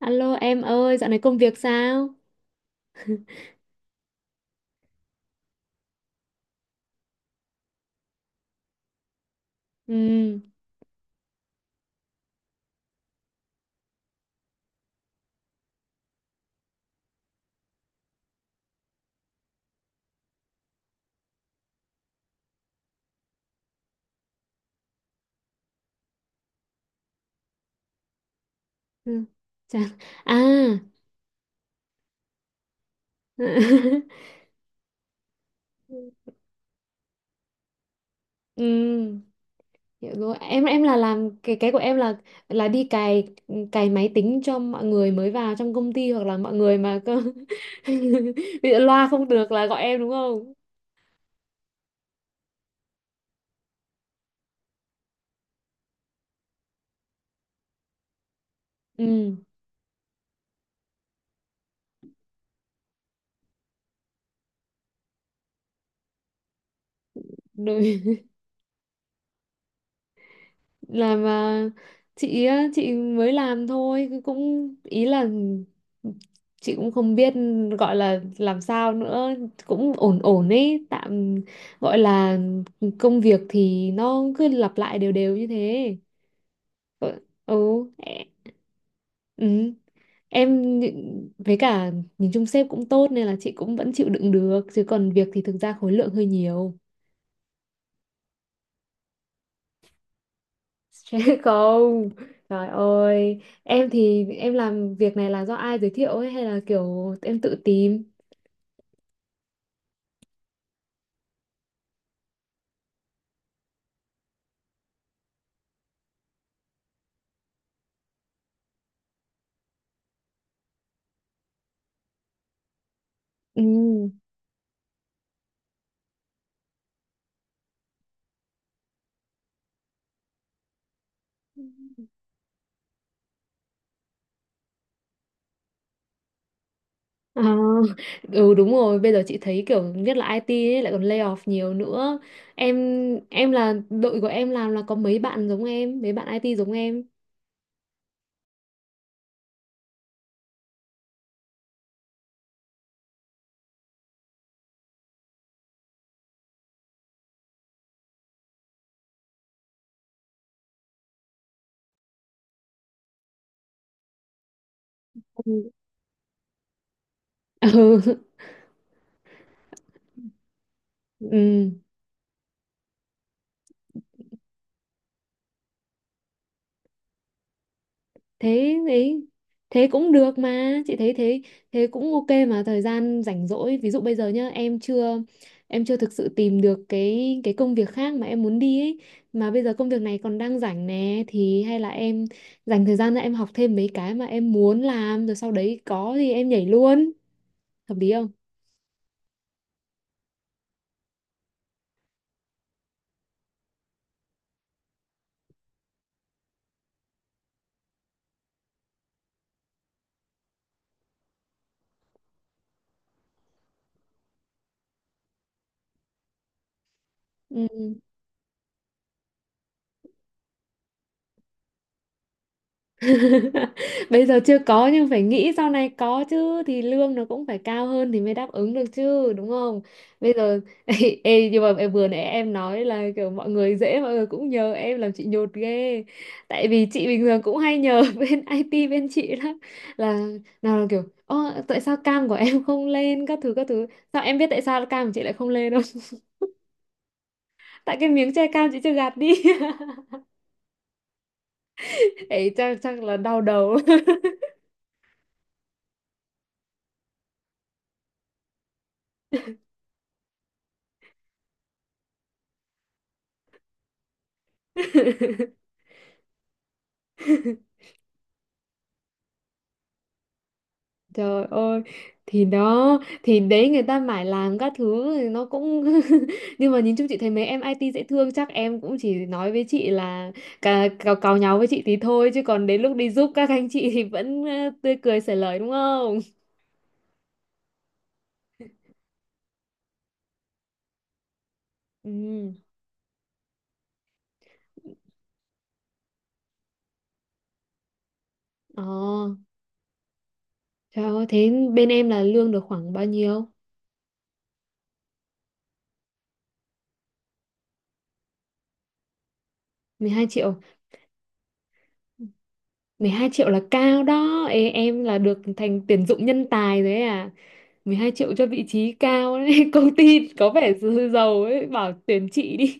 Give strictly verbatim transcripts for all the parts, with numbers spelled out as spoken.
Alo em ơi, dạo này công việc sao? Ừ. Ừ. Chà. À. Ừ, hiểu rồi. Em em là làm cái cái của em là là đi cài cài máy tính cho mọi người mới vào trong công ty hoặc là mọi người mà cơ bị loa không được là gọi em đúng không? Ừ, đúng. Làm à, chị á, chị mới làm thôi cũng ý là chị cũng không biết gọi là làm sao nữa, cũng ổn ổn ấy, tạm gọi là công việc thì nó cứ lặp lại đều đều như thế. Ừ, ừ. ẹ- ừ. Em nhị- với cả nhìn chung sếp cũng tốt nên là chị cũng vẫn chịu đựng được, chứ còn việc thì thực ra khối lượng hơi nhiều. Stress không? Trời ơi, em thì em làm việc này là do ai giới thiệu ấy hay là kiểu em tự tìm? Ừ. À, ừ đúng rồi, bây giờ chị thấy kiểu nhất là i tê ấy, lại còn lay off nhiều nữa. Em em là đội của em làm là có mấy bạn giống em, mấy bạn ai ti giống em. Ừ. Ừ. Thế ấy, thế cũng được, mà chị thấy thế thế cũng ok. Mà thời gian rảnh rỗi, ví dụ bây giờ nhá, em chưa em chưa thực sự tìm được cái cái công việc khác mà em muốn đi ấy, mà bây giờ công việc này còn đang rảnh nè, thì hay là em dành thời gian ra em học thêm mấy cái mà em muốn làm, rồi sau đấy có thì em nhảy luôn, hợp lý không? Ừ. Bây giờ chưa có nhưng phải nghĩ sau này có chứ, thì lương nó cũng phải cao hơn thì mới đáp ứng được chứ, đúng không? Bây giờ ê, ê, nhưng mà em vừa nãy em nói là kiểu mọi người dễ, mọi người cũng nhờ em làm, chị nhột ghê. Tại vì chị bình thường cũng hay nhờ bên i tê bên chị lắm, là nào là kiểu ơ, tại sao cam của em không lên, các thứ các thứ. Sao em biết tại sao cam của chị lại không lên đâu? Tại cái miếng che cam chị chưa gạt đi. Ấy chắc chắc là đau đầu. Trời ơi, thì đó, thì đấy, người ta mải làm các thứ thì nó cũng nhưng mà nhìn chung chị thấy mấy em ai ti dễ thương, chắc em cũng chỉ nói với chị là cà, cào cào nháo với chị thì thôi, chứ còn đến lúc đi giúp các anh chị thì vẫn ờ, tươi cười xởi lời, đúng không? Ừ. Ờ. Trời ơi, thế bên em là lương được khoảng bao nhiêu? Mười hai triệu, mười hai triệu là cao đó. Ê, em là được thành tuyển dụng nhân tài đấy à? Mười hai triệu cho vị trí cao đấy, công ty có vẻ dư- giàu ấy, bảo tuyển chị đi.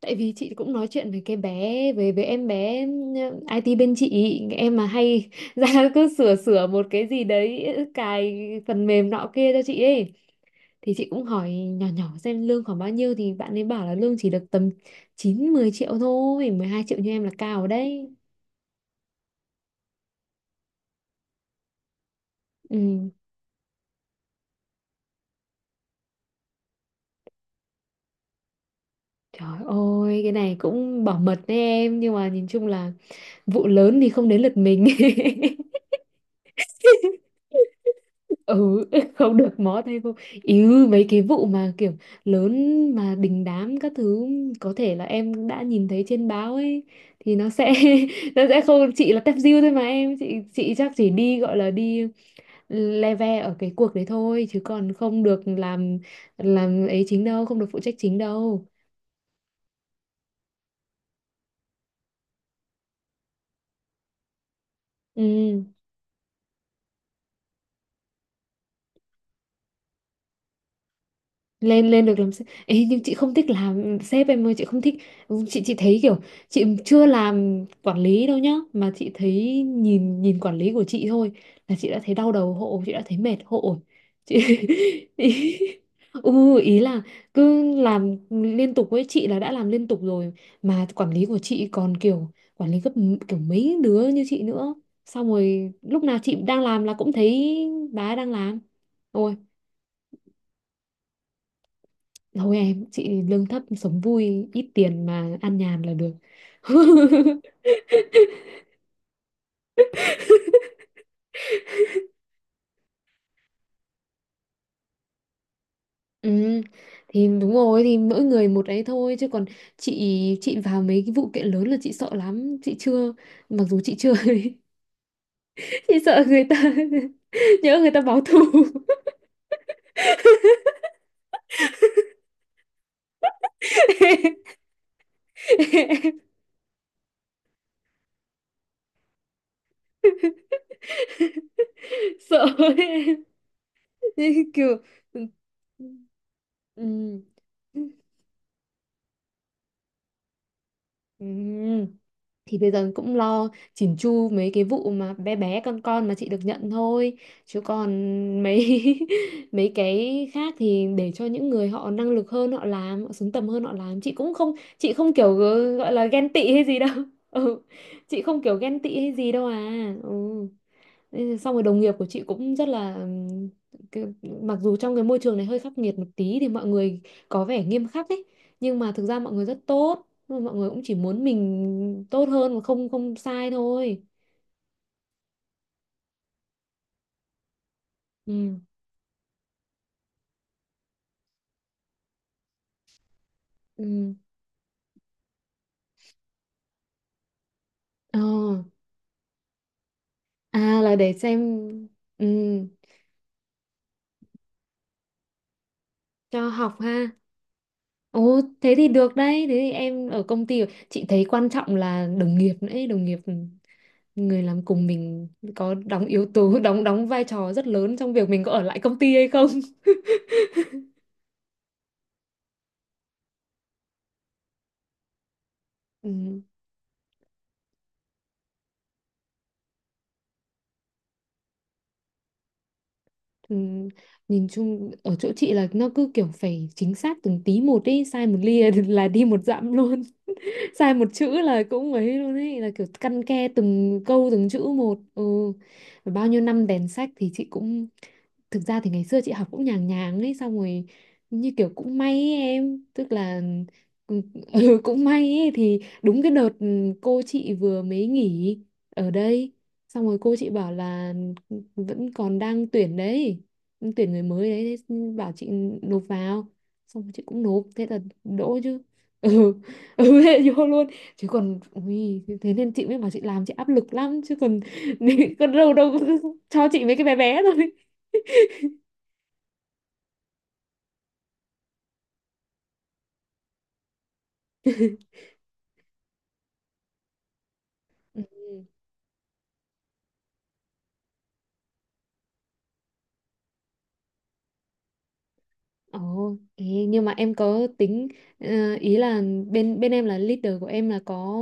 Tại vì chị cũng nói chuyện với cái bé, với với em bé, ừ, i tê bên chị em mà hay ra cứ sửa sửa một cái gì đấy, cài phần mềm nọ kia cho chị ấy, thì chị cũng hỏi nhỏ nhỏ xem lương khoảng bao nhiêu, thì bạn ấy bảo là lương chỉ được tầm chín mười triệu thôi. Mười hai triệu như em là cao rồi đấy. Ừ. Trời ơi, cái này cũng bảo mật đấy em. Nhưng mà nhìn chung là vụ lớn thì không đến lượt mình. Ừ, không được mó tay vô. Ý, mấy cái vụ mà kiểu lớn mà đình đám các thứ, có thể là em đã nhìn thấy trên báo ấy, thì nó sẽ nó sẽ không, chị là tép diêu thôi mà em. Chị chị chắc chỉ đi gọi là đi le ve ở cái cuộc đấy thôi, chứ còn không được làm làm ấy chính đâu, không được phụ trách chính đâu. Ừ, lên lên được làm sếp ấy, nhưng chị không thích làm sếp em ơi, chị không thích. Chị chị thấy kiểu chị chưa làm quản lý đâu nhá, mà chị thấy nhìn nhìn quản lý của chị thôi là chị đã thấy đau đầu hộ, chị đã thấy mệt hộ chị. Ý, ừ, ý là cứ làm liên tục, với chị là đã làm liên tục rồi, mà quản lý của chị còn kiểu quản lý gấp m- kiểu mấy đứa như chị nữa, xong rồi lúc nào chị đang làm là cũng thấy bà ấy đang làm. Ôi, thôi em, chị lương thấp sống vui, ít tiền mà ăn nhàn là được. Ừ, thì đúng rồi, thì mỗi người một ấy thôi, chứ còn chị chị vào mấy cái vụ kiện lớn là chị sợ lắm, chị chưa, mặc dù chị chưa chị sợ người ta nhớ người ta báo thù. Sợ ấy. Kiểu ừ. Ừ. Ừ. Ừ. Thì bây giờ cũng lo chỉn chu mấy cái vụ mà bé bé con con mà chị được nhận thôi, chứ còn mấy mấy cái khác thì để cho những người họ năng lực hơn họ làm, họ xứng tầm hơn họ làm, chị cũng không, chị không kiểu ờ, gọi là ghen tị hay gì đâu. Ừ. Chị không kiểu ghen tị hay gì đâu à. Ừ. Thế xong rồi đồng nghiệp của chị cũng rất là ừm, cái, mặc dù trong cái môi trường này hơi khắc nghiệt một tí thì mọi người có vẻ nghiêm khắc ấy, nhưng mà thực ra mọi người rất tốt. Nhưng mà mọi người cũng chỉ muốn mình tốt hơn và không không sai thôi. Ừ. Ừ. Ờ. À, là để xem. Ừ, cho học ha. Ồ, thế thì được đấy, thế thì em ở công ty, chị thấy quan trọng là đồng nghiệp nữa ấy. Đồng nghiệp, người làm cùng mình có đóng yếu tố đóng đóng vai trò rất lớn trong việc mình có ở lại công ty hay không. Ừ, ừ, nhìn chung ở chỗ chị là nó cứ kiểu phải chính xác từng tí một ý, sai một ly là là đi một dặm luôn, sai một chữ là cũng ấy luôn ấy, là kiểu căn ke từng câu từng chữ một. Ừ. Và bao nhiêu năm đèn sách thì chị cũng thực ra thì ngày xưa chị học cũng nhàng nhàng ấy, xong rồi như kiểu cũng may ấy, em tức là ừ, cũng may ấy, thì đúng cái đợt ừ, cô chị vừa mới nghỉ ở đây, xong rồi cô chị bảo là vẫn còn đang tuyển đấy, tuyển người mới đấy, thế bảo chị nộp vào, xong chị cũng nộp thế là đỗ chứ. Ừ. Ừ hệ vô luôn chứ còn ui, thế nên chị mới bảo chị làm chị áp lực lắm, chứ còn còn đâu đâu cho chị mấy cái bé bé thôi. Ừ. Ồ, thế nhưng mà em có tính ờ, ý là bên bên em là leader của em là có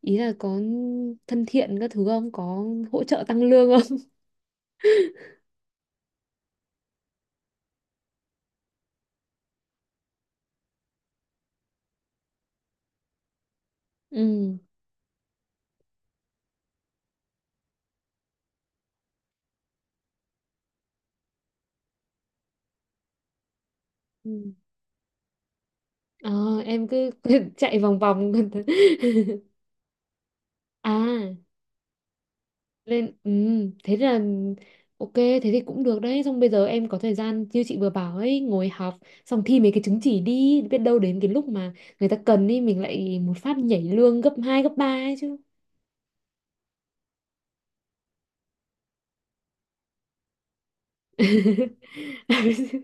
ý là có thân thiện các thứ không? Có hỗ trợ tăng lương không? Ừ. Ừ. Ờ, em cứ chạy vòng vòng. À. Nên, ừ, thế là ok, thế thì cũng được đấy. Xong bây giờ em có thời gian như chị vừa bảo ấy, ngồi học xong thi mấy cái chứng chỉ đi, biết đâu đến cái lúc mà người ta cần ấy, mình lại một phát nhảy lương gấp hai gấp ba ấy chứ.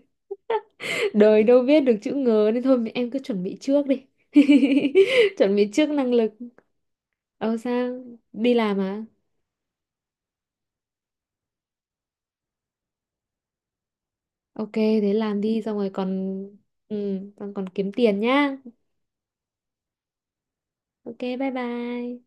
Đời đâu biết được chữ ngờ, nên thôi em cứ chuẩn bị trước đi. Chuẩn bị trước năng lực. Ờ sao, đi làm à? Ok thế làm đi, xong rồi còn ừ còn còn kiếm tiền nhá. Ok bye bye.